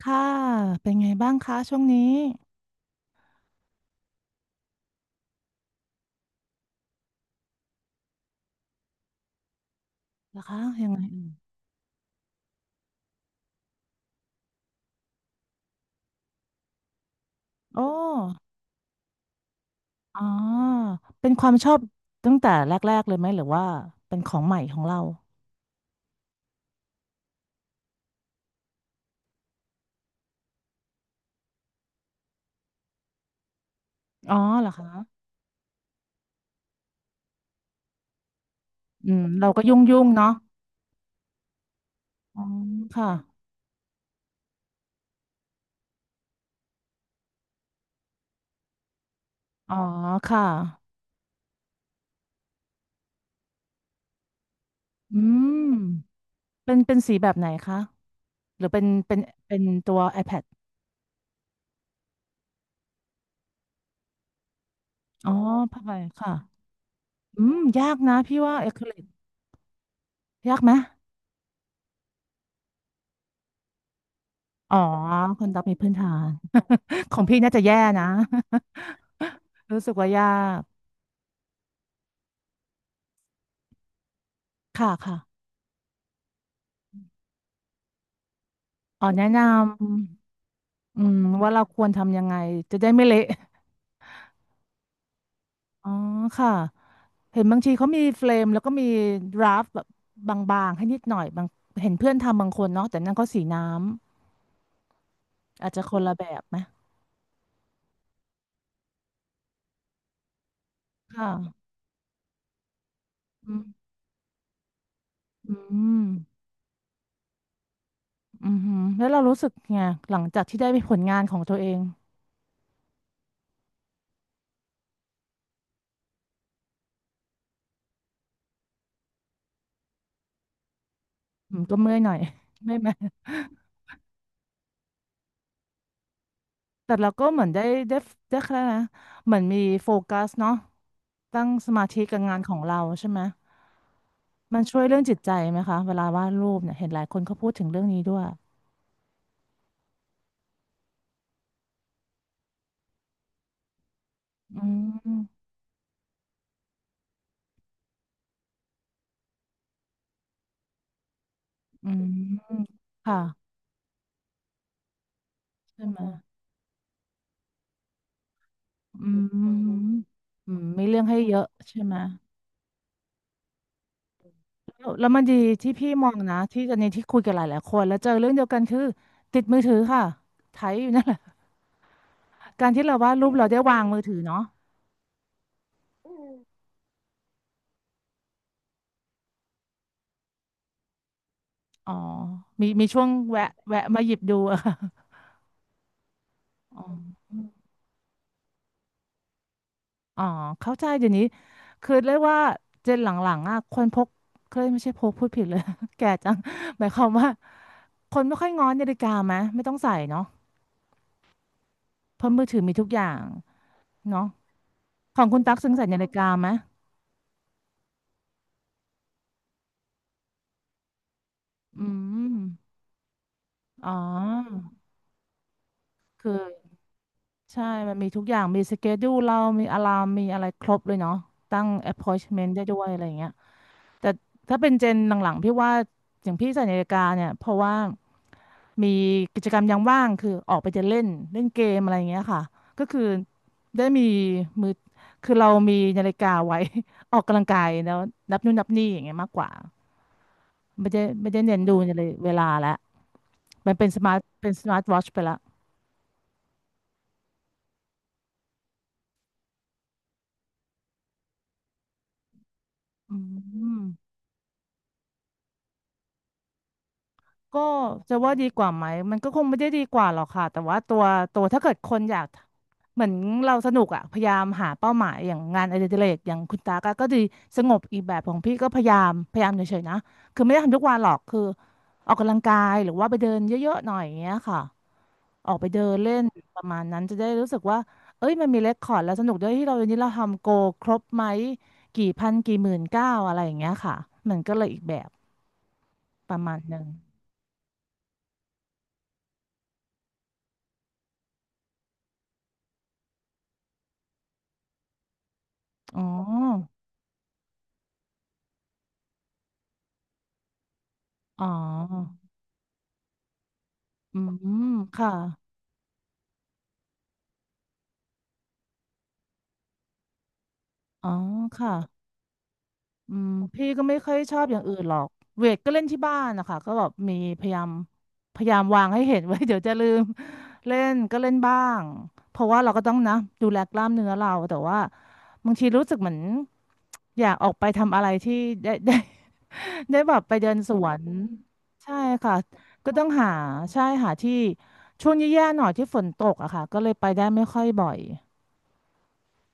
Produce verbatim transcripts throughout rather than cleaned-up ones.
ค่ะเป็นไงบ้างคะช่วงนี้เหรอคะยังไงโอ้อ๋อเป็นความชอบตั้งแต่แรกๆเลยไหมหรือว่าเป็นของใหม่ของเราอ๋อเหรอคะอืมเราก็ยุ่งๆเนาะอ๋อค่ะอ๋อค่ะอืมเป็นเป็นสีแบบไหนคะหรือเป็นเป็นเป็นตัว iPad อ๋อผ้าใบค่ะอืมยากนะพี่ว่าอะคริลิกยากไหมอ๋อคนดับมีพื้นฐาน ของพี่น่าจะแย่นะ รู้สึกว่ายาก ค่ะค่ะอ๋อแนะนำอืมว่าเราควรทำยังไงจะได้ไม่เละ อ๋อค่ะเห็นบางทีเขามีเฟรมแล้วก็มีดราฟแบบบางๆให้นิดหน่อยบางเห็นเพื่อนทำบางคนเนาะแต่นั่นเขาสีน้ำอาจจะคนละแบบไหมค่ะอืมอืมอืมแล้วเรารู้สึกไงหลังจากที่ได้ไปผลงานของตัวเองอืมก็เมื่อยหน่อย ไม่ไหม แต่เราก็เหมือนได้ได้ได้แค่นะเหมือนมีโฟกัสเนาะตั้งสมาธิกับงานของเราใช่ไหมมันช่วยเรื่องจิตใจไหมคะเวลาวาดรูปเนี่ยเห็นหลายคนเขาพูดถึงเรื่องนี้ด้วยอืมอืมค่ะใช่ไหมอืมอืมมีเรื่องให้เยอะใช่ไหมแล้วแล้วมันดีที่พี่มองนะที่ตอนนี้ที่คุยกับหลายๆคนแล้วเจอเรื่องเดียวกันคือติดมือถือค่ะไถอยู่นั่นแหละ การที่เราวาดรูปเราได้วางมือถือเนาะ อ๋อมีมีช่วงแวะแวะมาหยิบดู อะค่ะอ๋ออ๋อเข้าใจเดี๋ยวนี้คือเรียกว่าเจนหลังๆอะคนพก เคยไม่ใช่พกพูดผิดเลย แก่จังหมายความว่าคนไม่ค่อยง้อนาฬิกาไหมไม่ต้องใส่เนาะเพราะมือถือมีทุกอย่างเนาะของคุณตั๊กซึ่งใส่นาฬิกาไหมอืมอ๋อคือใช่มันมีทุกอย่างมีสเกดูเรามีอะลามมีอะไรครบเลยเนาะตั้ง appointment ได้ด้วยอะไรอย่างเงี้ย แต่ถ้าเป็นเจนหลังๆพี่ว่าอย่างพี่ใส่นาฬิกาเนี่ยเพราะว่ามีกิจกรรมยามว่างคือออกไปจะเล่นเล่นเกมอะไรอย่างเงี้ยค่ะก็คือได้มีมือคือเรามีนาฬิกาไว้ ออกกำลังกายแล้วนับนู่นนับนี่อย่างเงี้ยมากกว่าไม่ได้ไม่ได้เน้นดูเลยเวลาละมันเป็นสมาร์ทเป็นสมาร์ทวอทช์ไปละอืม ก็จะว่าดีกว่าไหมมันก็คงไม่ได้ดีกว่าหรอกค่ะแต่ว่าตัวตัวถ้าเกิดคนอยากเหมือนเราสนุกอะพยายามหาเป้าหมายอย่างงานอดิเรกอย่างคุณตาก็ก็ดีสงบอีกแบบของพี่ก็พยายามพยายามเฉยๆนะคือไม่ได้ทำทุกวันหรอกคือออกกำลังกายหรือว่าไปเดินเยอะๆหน่อยอย่างเงี้ยค่ะออกไปเดินเล่นประมาณนั้นจะได้รู้สึกว่าเอ้ยมันมีเรคคอร์ดแล้วสนุกด้วยที่เราวันนี้เราทำโกครบไหมกี่พันกี่หมื่นเก้าอะไรอย่างเงี้ยค่ะมันก็เลยอีกแบบประมาณหนึ่งอ๋อ อ๋ออืมค่ะอ๋อค่ะอืมพี่ก็ไม่ค่อยชอบอย่างอื่นหรอก เวทก็เล่นที่บ้านนะคะก็แบบมีพยายามพยายามวางให้เห็นไว้ เดี๋ยวจะลืมเล่นก็เล่นบ้าง เพราะว่าเราก็ต้องนะดูแลกล้ามเนื้อเราแต่ว่าบางทีรู้สึกเหมือนอยากออกไปทำอะไรที่ ได้ได้ ได้แบบไปเดินสวนใช่ค่ะก็ต้องหาใช่หาที่ช่วงแย่ๆหน่อยที่ฝนตกอะค่ะก็เลยไปได้ไม่ค่อยบ่อย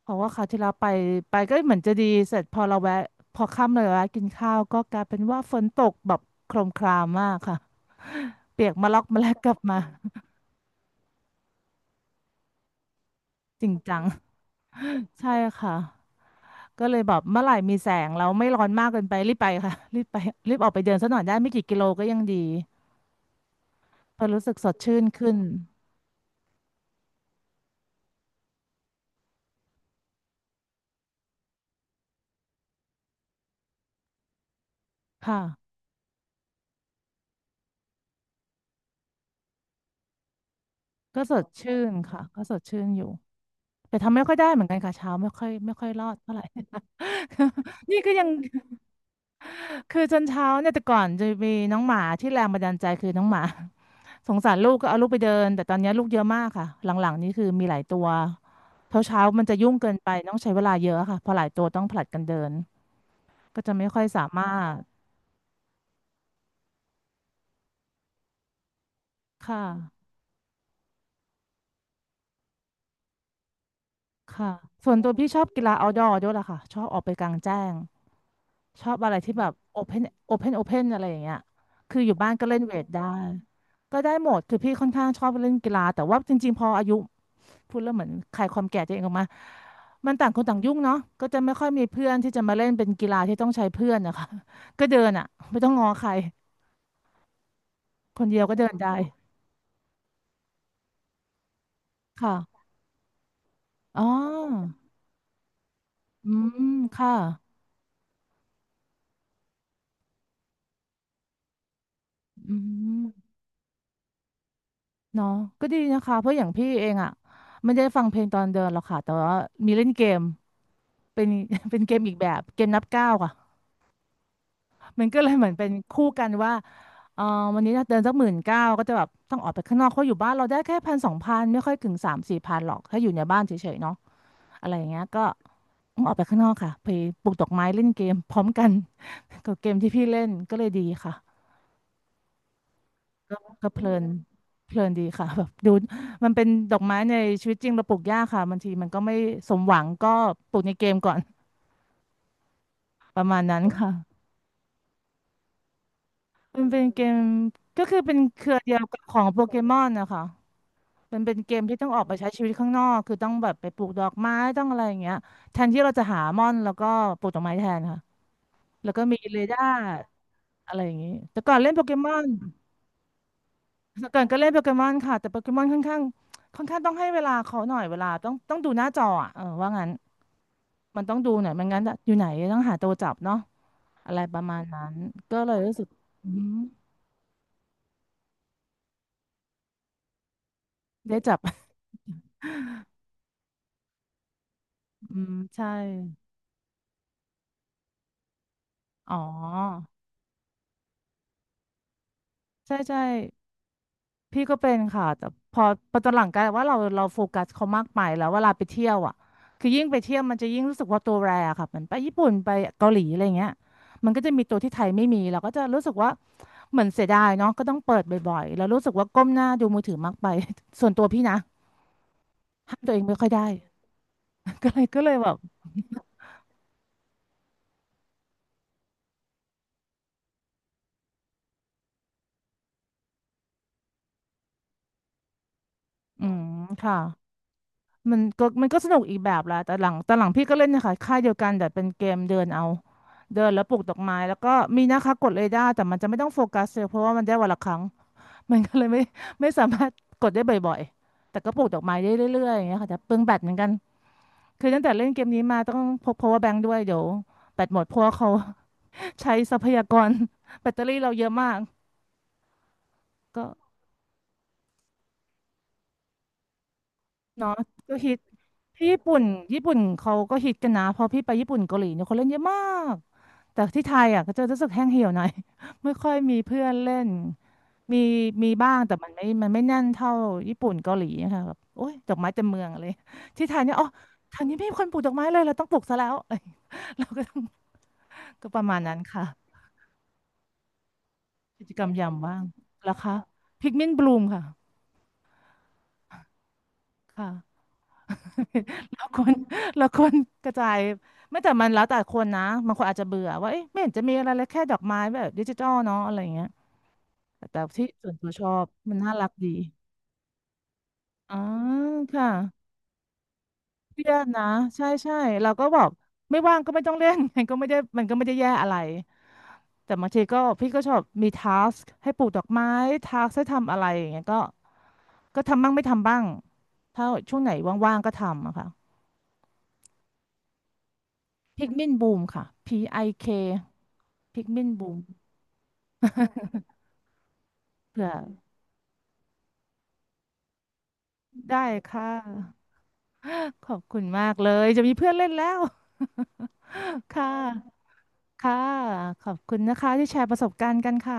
เพราะว่าคราวที่เราไปไปก็เหมือนจะดีเสร็จพอเราแวะพอค่ำเลยแวะกินข้าวก็กลายเป็นว่าฝนตกแบบโครมครามมากค่ะเปียกมาล็อกมาแลกกลับมา จริงจังใช่ค่ะก็เลยแบบเมื่อไหร่มีแสงแล้วไม่ร้อนมากเกินไปรีบไปค่ะรีบไปรีบออกไปเดินสักหน่อยได้ไม่กี่กิโลก็ยังดีเพอรู้สึกสดชื่นขึ้นค่ะก็สดชื่นค่ะก็สดชื่นอยู่แต่ทำไม่ค่อยได้เหมือนกันค่ะเช้าไม่ค่อยไม่ค่อยรอดเท่าไหร่ นี่ก็ยัง คือจนเช้าเนี่ยแต่ก่อนจะมีน้องหมาที่แรงบันดาลใจคือน้องหมา สงสารลูกก็เอาลูกไปเดินแต่ตอนเนี้ยลูกเยอะมากค่ะหลังๆนี่คือมีหลายตัวเช้าเช้ามันจะยุ่งเกินไปต้องใช้เวลาเยอะค่ะเพอหลายตัวต้องผลัดกันเดินก็จะไม่ค่อยสามารถค่ะค่ะส่วนตัวพี่ชอบกีฬา outdoor ด้วยล่ะค่ะชอบออกไปกลางแจ้งชอบอะไรที่แบบ open open open อะไรอย่างเงี้ยคืออยู่บ้านก็เล่นเวทได้ก็ได้หมดคือพี่ค่อนข้างชอบเล่นกีฬาแต่ว่าจริงๆพออายุ พูดแล้วเหมือนขายความแก่ตัวเองออกมามันต่างคนต่างยุ่งเนาะก็จะไม่ค่อยมีเพื่อนที่จะมาเล่นเป็นกีฬาที่ต้องใช้เพื่อนนะคะ ก็เดินอ่ะไม่ต้องง้อใครคนเดียวก็เดินได้ค่ะอ๋ออืมค่ะอืมเนาะก็ดีนะคะเพราะอย่างพี่เองอ่ะไม่ได้ฟังเพลงตอนเดินหรอกค่ะแต่ว่ามีเล่นเกมเป็น เป็นเกมอีกแบบเกมนับก้าวค่ะ มันก็เลยเหมือนเป็นคู่กันว่าเออวันนี้เดินสักหมื่นเก้าก็จะแบบต้องออกไปข้างนอกเขาะอยู่บ้านเราได้แค่พันสองพันไม่ค่อยถึงสามสี่พันหรอกถ้าอยู่ในบ้านเฉยๆเนาะอะไรอย่างเงี้ยก็ต้องออกไปข้างนอกค่ะไปปลูกดอกไม้เล่นเกมพร้อมกัน กับเกมที่พี่เล่นก็เลยดีค่ะก็ก็เพลินเพลินดีค่ะแบบดูมันเป็นดอกไม้ในชีวิตจริงเราปลูกยากค่ะบางทีมันก็ไม่สมหวังก็ปลูกในเกมก่อน ประมาณนั้นค่ะมันเป็นเกมก็คือเป็นเครือเดียวกับของโปเกมอนนะคะ มันเป็นเกมที่ต้องออกไปใช้ชีวิตข้างนอกคือต้องแบบไปปลูกดอกไม้ต้องอะไรอย่างเงี้ยแทนที่เราจะหาม่อนแล้วก็ปลูกดอกไม้แทนค่ะแล้วก็มีเรดาร์อะไรอย่างงี้แต่ก่อนเล่นโปเกมอนแต่ก่อนก็เล่นโปเกมอนค่ะแต่โปเกมอนค่อนข้างค่อนข้างต้องให้เวลาเขาหน่อยเวลาต้องต้องดูหน้าจออ่ะเออว่างั้นมันต้องดูหน่อยไม่งั้นอยู่ไหนต้องหาตัวจับเนาะอะไรประมาณนั้นก็เลยรู้สึกอืมได้จับ อืมใช่อ๋อใช่ใช่ พี่ก็เป็นค่ะแต่พอพอตอนหลังกลายเป็นว่าเราเราโฟกัสเขามากไปแล้วเวลาไปเที่ยวอ่ะคือยิ่งไปเที่ยวมันจะยิ่งรู้สึกว่าตัวแรอะค่ะเหมือนไปญี่ปุ่นไปเกาหลีอะไรเงี้ยมันก็จะมีตัวที่ไทยไม่มีเราก็จะรู้สึกว่าเหมือนเสียดายเนาะก็ต้องเปิดบ่อยๆแล้วรู้สึกว่าก้มหน้าดูมือถือมากไป ส่วนตัวพี่นะ ห้ามตัวเองไม่ค่อยได้ ก็เลยก็เลยแบบอืมค่ะ มันก็มันก็สนุกอีกแบบละแต่หลังแต่หลังพี่ก็เล่นนะคะค่ายเดียวกันแต่เป็นเกมเดินเอาเดินแล้วปลูกดอกไม้แล้วก็มีนะคะกดเรดาร์แต่มันจะไม่ต้องโฟกัสเลยเพราะว่ามันได้วันละครั้ง มันก็เลยไม่ไม่สามารถกดได้บ่อยๆแต่ก็ปลูกดอกไม้ได้เรื่อยๆอย่างเงี้ยค่ะแต่เปลืองแบตเหมือนกันคือตั้งแต่เล่นเกมนี้มาต้องพก power bank ด้วยเดี๋ยวแบตหมดเพราะว่าเขา ใช้ทรัพยากร แบตเตอรี่เราเยอะมากก็เนาะก็ฮิต ที่ญี่ปุ่นญี่ปุ่นเขาก็ฮิตกันนะพอพี่ไปญี่ปุ่นเกาหลีเนี่ยคนเล่นเยอะมากแต่ที่ไทยอ่ะก็จะรู้สึกแห้งเหี่ยวหน่อย ไม่ค่อยมีเพื่อนเล่นมีมีบ้างแต่มันไม่มันไม่แน่นเท่าญี่ปุ่นเกาหลีอะค่ะแบบโอ๊ยดอกไม้เต็มเมืองเลยที่ไทยเนี่ยอ๋อทางนี้ไม่มีคนปลูกดอกไม้เลยเราต้องปลูกซะแล้ว เราก็ต้องก็ประมาณนั้นค่ะกิจกรรมยามว่างแล้วค่ะพิกมินบลูมค่ะค่ะ เราควร เราควรกระจายไม่แต่มันแล้วแต่คนนะบางคนอาจจะเบื่อว่าเอ๊ะไม่เห็นจะมีอะไรเลยแค่ดอกไม้แบบดิจิทัลเนาะอะไรอย่างเงี้ยแต่แต่ที่ส่วนตัวชอบมันน่ารักดีอ๋อค่ะเครียดนะใช่ใช่เราก็บอกไม่ว่างก็ไม่ต้องเล่น มันก็ไม่ได้มันก็ไม่ได้แย่อะไรแต่บางทีก็พี่ก็ชอบมีทาสให้ปลูกดอกไม้ทาสให้ทำอะไรอย่างเงี้ยก็ก็ทำบ้างไม่ทำบ้างถ้าช่วงไหนว่างๆก็ทำอะค่ะ พิกมินบูมค่ะ พี ไอ เค พิกมินบูม เผื่อได้ค่ะ ขอบคุณมากเลยจะมีเพื่อนเล่นแล้ว ค่ะค่ะขอบคุณนะคะที่แชร์ประสบการณ์กันค่ะ